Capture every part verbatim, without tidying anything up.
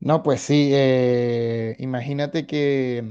No, pues sí, eh, imagínate que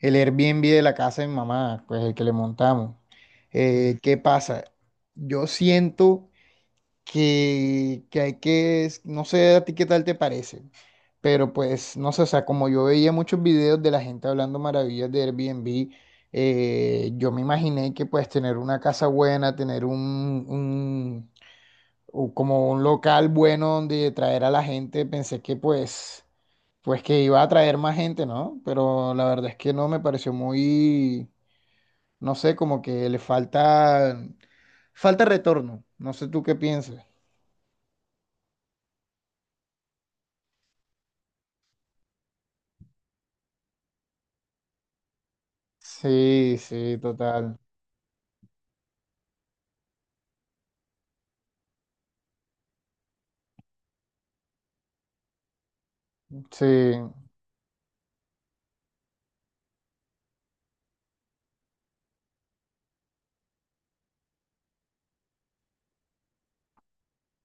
el Airbnb de la casa de mi mamá, pues el que le montamos, eh, ¿qué pasa? Yo siento que, que hay que, es- no sé a ti qué tal te parece, pero pues no sé, o sea, como yo veía muchos videos de la gente hablando maravillas de Airbnb, eh, yo me imaginé que pues tener una casa buena, tener un, un, o como un local bueno donde traer a la gente, pensé que pues... Pues que iba a atraer más gente, ¿no? Pero la verdad es que no me pareció muy, no sé, como que le falta, falta retorno. No sé tú qué piensas. Sí, sí, total. Sí,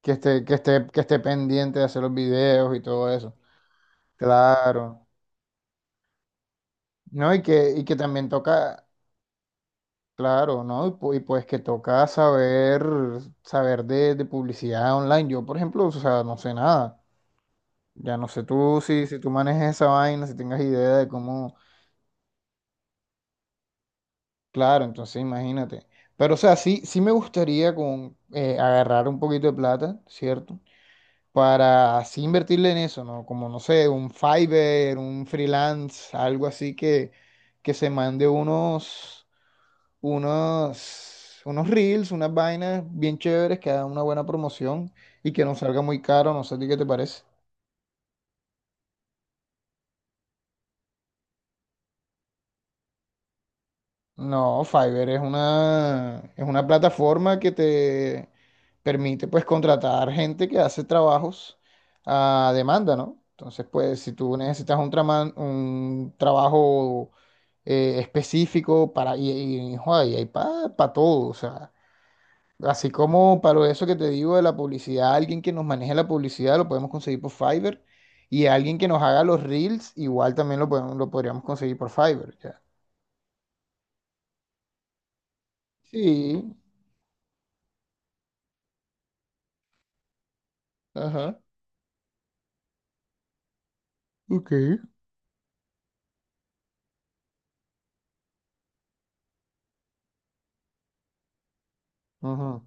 que esté, que esté, que esté pendiente de hacer los videos y todo eso. Claro. No, y que, y que también toca, claro, ¿no? Y, pu- y pues que toca saber, saber de, de publicidad online. Yo, por ejemplo, o sea, no sé nada. Ya no sé tú si, si tú manejes esa vaina, si tengas idea de cómo, claro, entonces imagínate. Pero o sea, sí, sí me gustaría con, eh, agarrar un poquito de plata, ¿cierto? Para así invertirle en eso, ¿no? Como, no sé, un Fiverr, un freelance, algo así que, que se mande unos, unos, unos reels, unas vainas bien chéveres que hagan una buena promoción y que no salga muy caro, no sé a ti qué te parece. No, Fiverr es una, es una plataforma que te permite pues contratar gente que hace trabajos a demanda, ¿no? Entonces, pues si tú necesitas un, traman- un trabajo eh, específico para, y, y, joda, y hay para todo, o sea, así como para eso que te digo de la publicidad, alguien que nos maneje la publicidad lo podemos conseguir por Fiverr y alguien que nos haga los reels igual también lo, podemos- lo podríamos conseguir por Fiverr, ya. Sí, ajá. Ok. Ujú.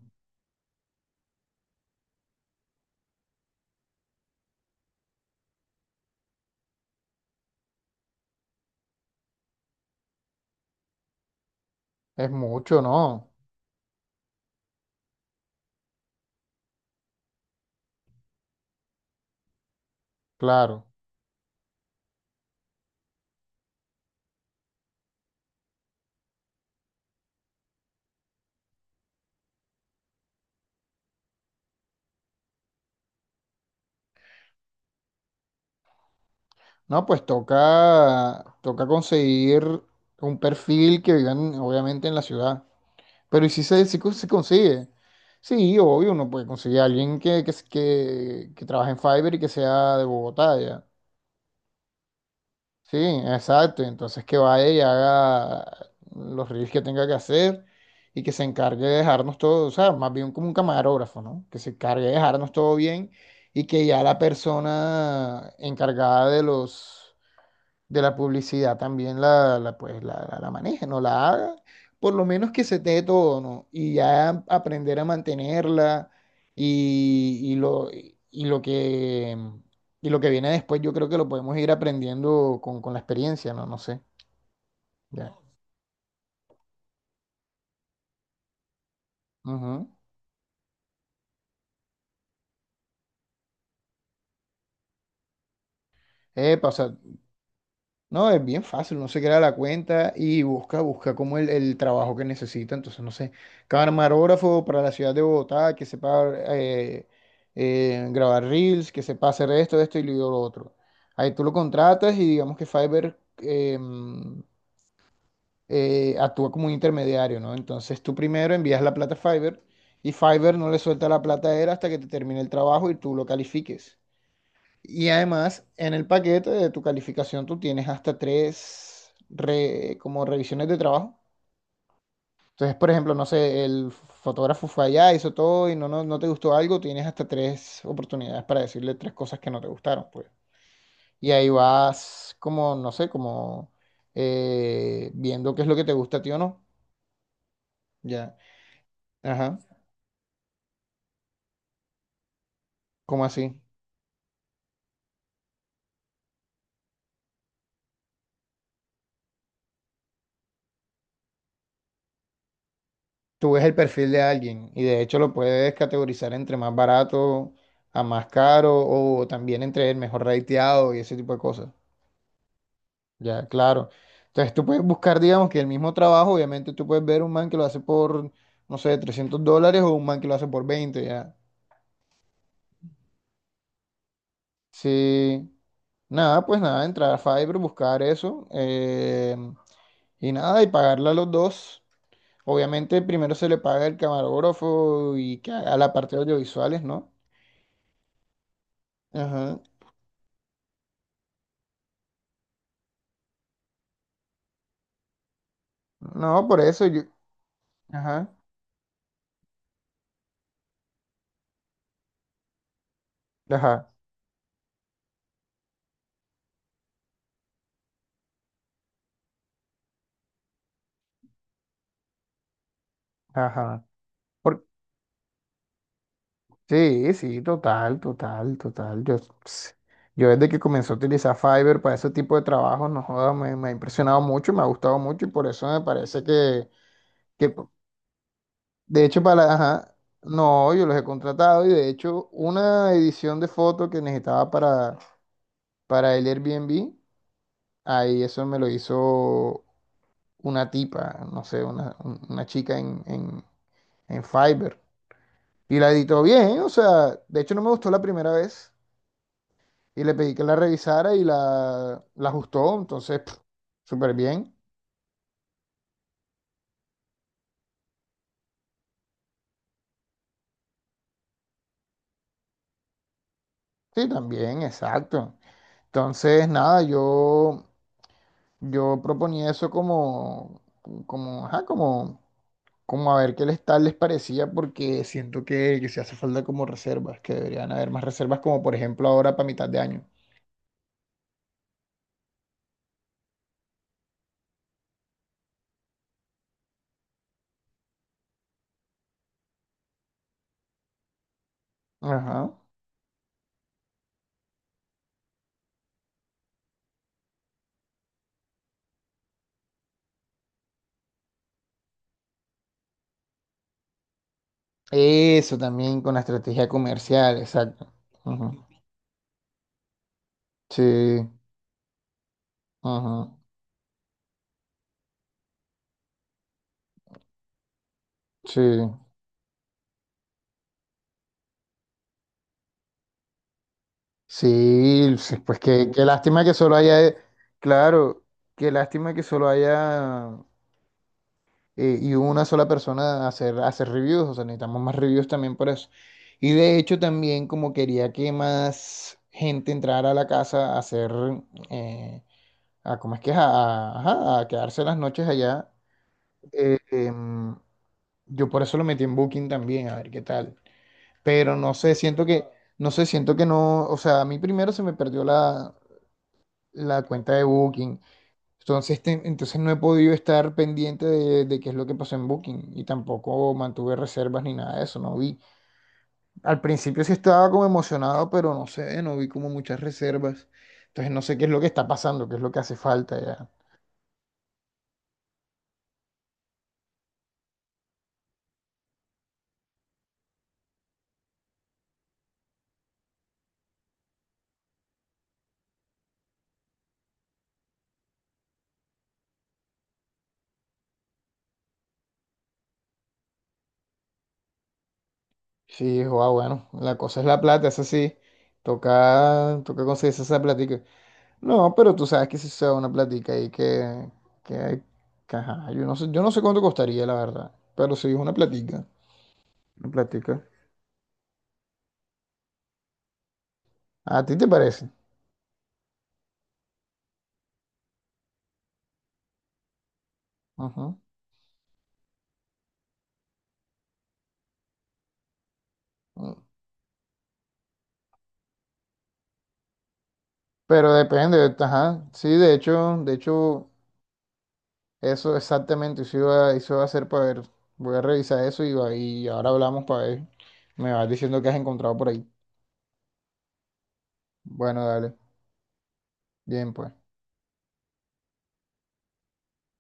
Es mucho, ¿no? Claro. No, pues toca, toca conseguir un perfil que vivan, obviamente, en la ciudad. Pero ¿y si se, si cons- se consigue? Sí, obvio, uno puede conseguir a alguien que, que, que, que trabaje en Fiverr y que sea de Bogotá, ya. Sí, exacto. Entonces que vaya y haga los reels que tenga que hacer y que se encargue de dejarnos todo, o sea, más bien como un camarógrafo, ¿no? Que se encargue de dejarnos todo bien y que ya la persona encargada de los de la publicidad también la, la, pues, la, la, la maneje, no la haga, por lo menos que se te dé todo, ¿no? Y ya aprender a mantenerla y, y lo, y lo que, y lo que viene después, yo creo que lo podemos ir aprendiendo con, con la experiencia, ¿no? No sé, ya. Ujú. Epa, o sea, no, es bien fácil, uno se crea la cuenta y busca, busca como el, el trabajo que necesita. Entonces, no sé, camarógrafo para la ciudad de Bogotá, que sepa eh, eh, grabar reels, que sepa hacer esto, esto y lo otro. Ahí tú lo contratas y digamos que Fiverr em, eh, actúa como un intermediario, ¿no? Entonces tú primero envías la plata a Fiverr y Fiverr no le suelta la plata a él hasta que te termine el trabajo y tú lo califiques. Y además, en el paquete de tu calificación tú tienes hasta tres re- como revisiones de trabajo. Entonces, por ejemplo, no sé, el fotógrafo fue allá, hizo todo y no, no, no te gustó algo, tienes hasta tres oportunidades para decirle tres cosas que no te gustaron, pues. Y ahí vas como, no sé, como eh, viendo qué es lo que te gusta a ti o no. Ya. Ajá. ¿Cómo así? Tú ves el perfil de alguien y de hecho lo puedes categorizar entre más barato a más caro o también entre el mejor rateado y ese tipo de cosas. Ya, claro. Entonces tú puedes buscar, digamos, que el mismo trabajo, obviamente tú puedes ver un man que lo hace por, no sé, trescientos dólares o un man que lo hace por veinte ya. Sí, nada, pues nada, entrar a Fiverr, buscar eso eh, y nada, y pagarle a los dos. Obviamente primero se le paga el camarógrafo y que haga la parte de audiovisuales, ¿no? Ajá. No, por eso yo. Ajá, ajá, ajá. Por... Sí, sí, total, total, total. Yo, ps, yo desde que comencé a utilizar Fiverr para ese tipo de trabajos, no joda, me, me ha impresionado mucho, me ha gustado mucho y por eso me parece que, que de hecho, para la- ajá, no, yo los he contratado y de hecho, una edición de foto que necesitaba para, para el Airbnb, ahí eso me lo hizo una tipa, no sé, una, un- una chica en, en, en Fiverr. Y la editó bien, o sea, de hecho no me gustó la primera vez. Y le pedí que la revisara y la, la ajustó, entonces, pf, súper bien. Sí, también, exacto. Entonces, nada, yo, yo proponía eso como, como, ajá, como, como a ver qué les tal les parecía, porque siento que, que se hace falta como reservas, que deberían haber más reservas, como por ejemplo ahora para mitad de año. Ajá. Eso también con la estrategia comercial, exacto. Ujú. Sí, ajá. Sí, sí, sí, pues qué, qué lástima que solo haya, claro, qué lástima que solo haya eh, y una sola persona hacer, hacer reviews, o sea, necesitamos más reviews también por eso. Y de hecho también como quería que más gente entrara a la casa a hacer, eh, a, ¿cómo es que es? A, a- ajá, a quedarse las noches allá. eh, em, yo por eso lo metí en Booking también, a ver qué tal. Pero no sé, siento que... No sé, siento que no, o sea, a mí primero se me perdió la, la cuenta de Booking. Entonces, te- entonces no he podido estar pendiente de, de qué es lo que pasó en Booking y tampoco mantuve reservas ni nada de eso, no vi. Al principio sí estaba como emocionado, pero no sé, no vi como muchas reservas. Entonces no sé qué es lo que está pasando, qué es lo que hace falta ya. Sí, guau, bueno, la cosa es la plata, eso sí. Toca, toca conseguirse esa platica. No, pero tú sabes que si se da una platica ahí que, que, que ajá, yo no sé, yo no sé cuánto costaría, la verdad. Pero sí es una platica, una platica. ¿A ti te parece? Ujú. Mm. Pero depende, ajá. Sí, de hecho, de hecho, eso exactamente, eso iba, eso iba a hacer para ver. Voy a revisar eso y, va- y ahora hablamos para ver. Me vas diciendo que has encontrado por ahí. Bueno, dale. Bien, pues.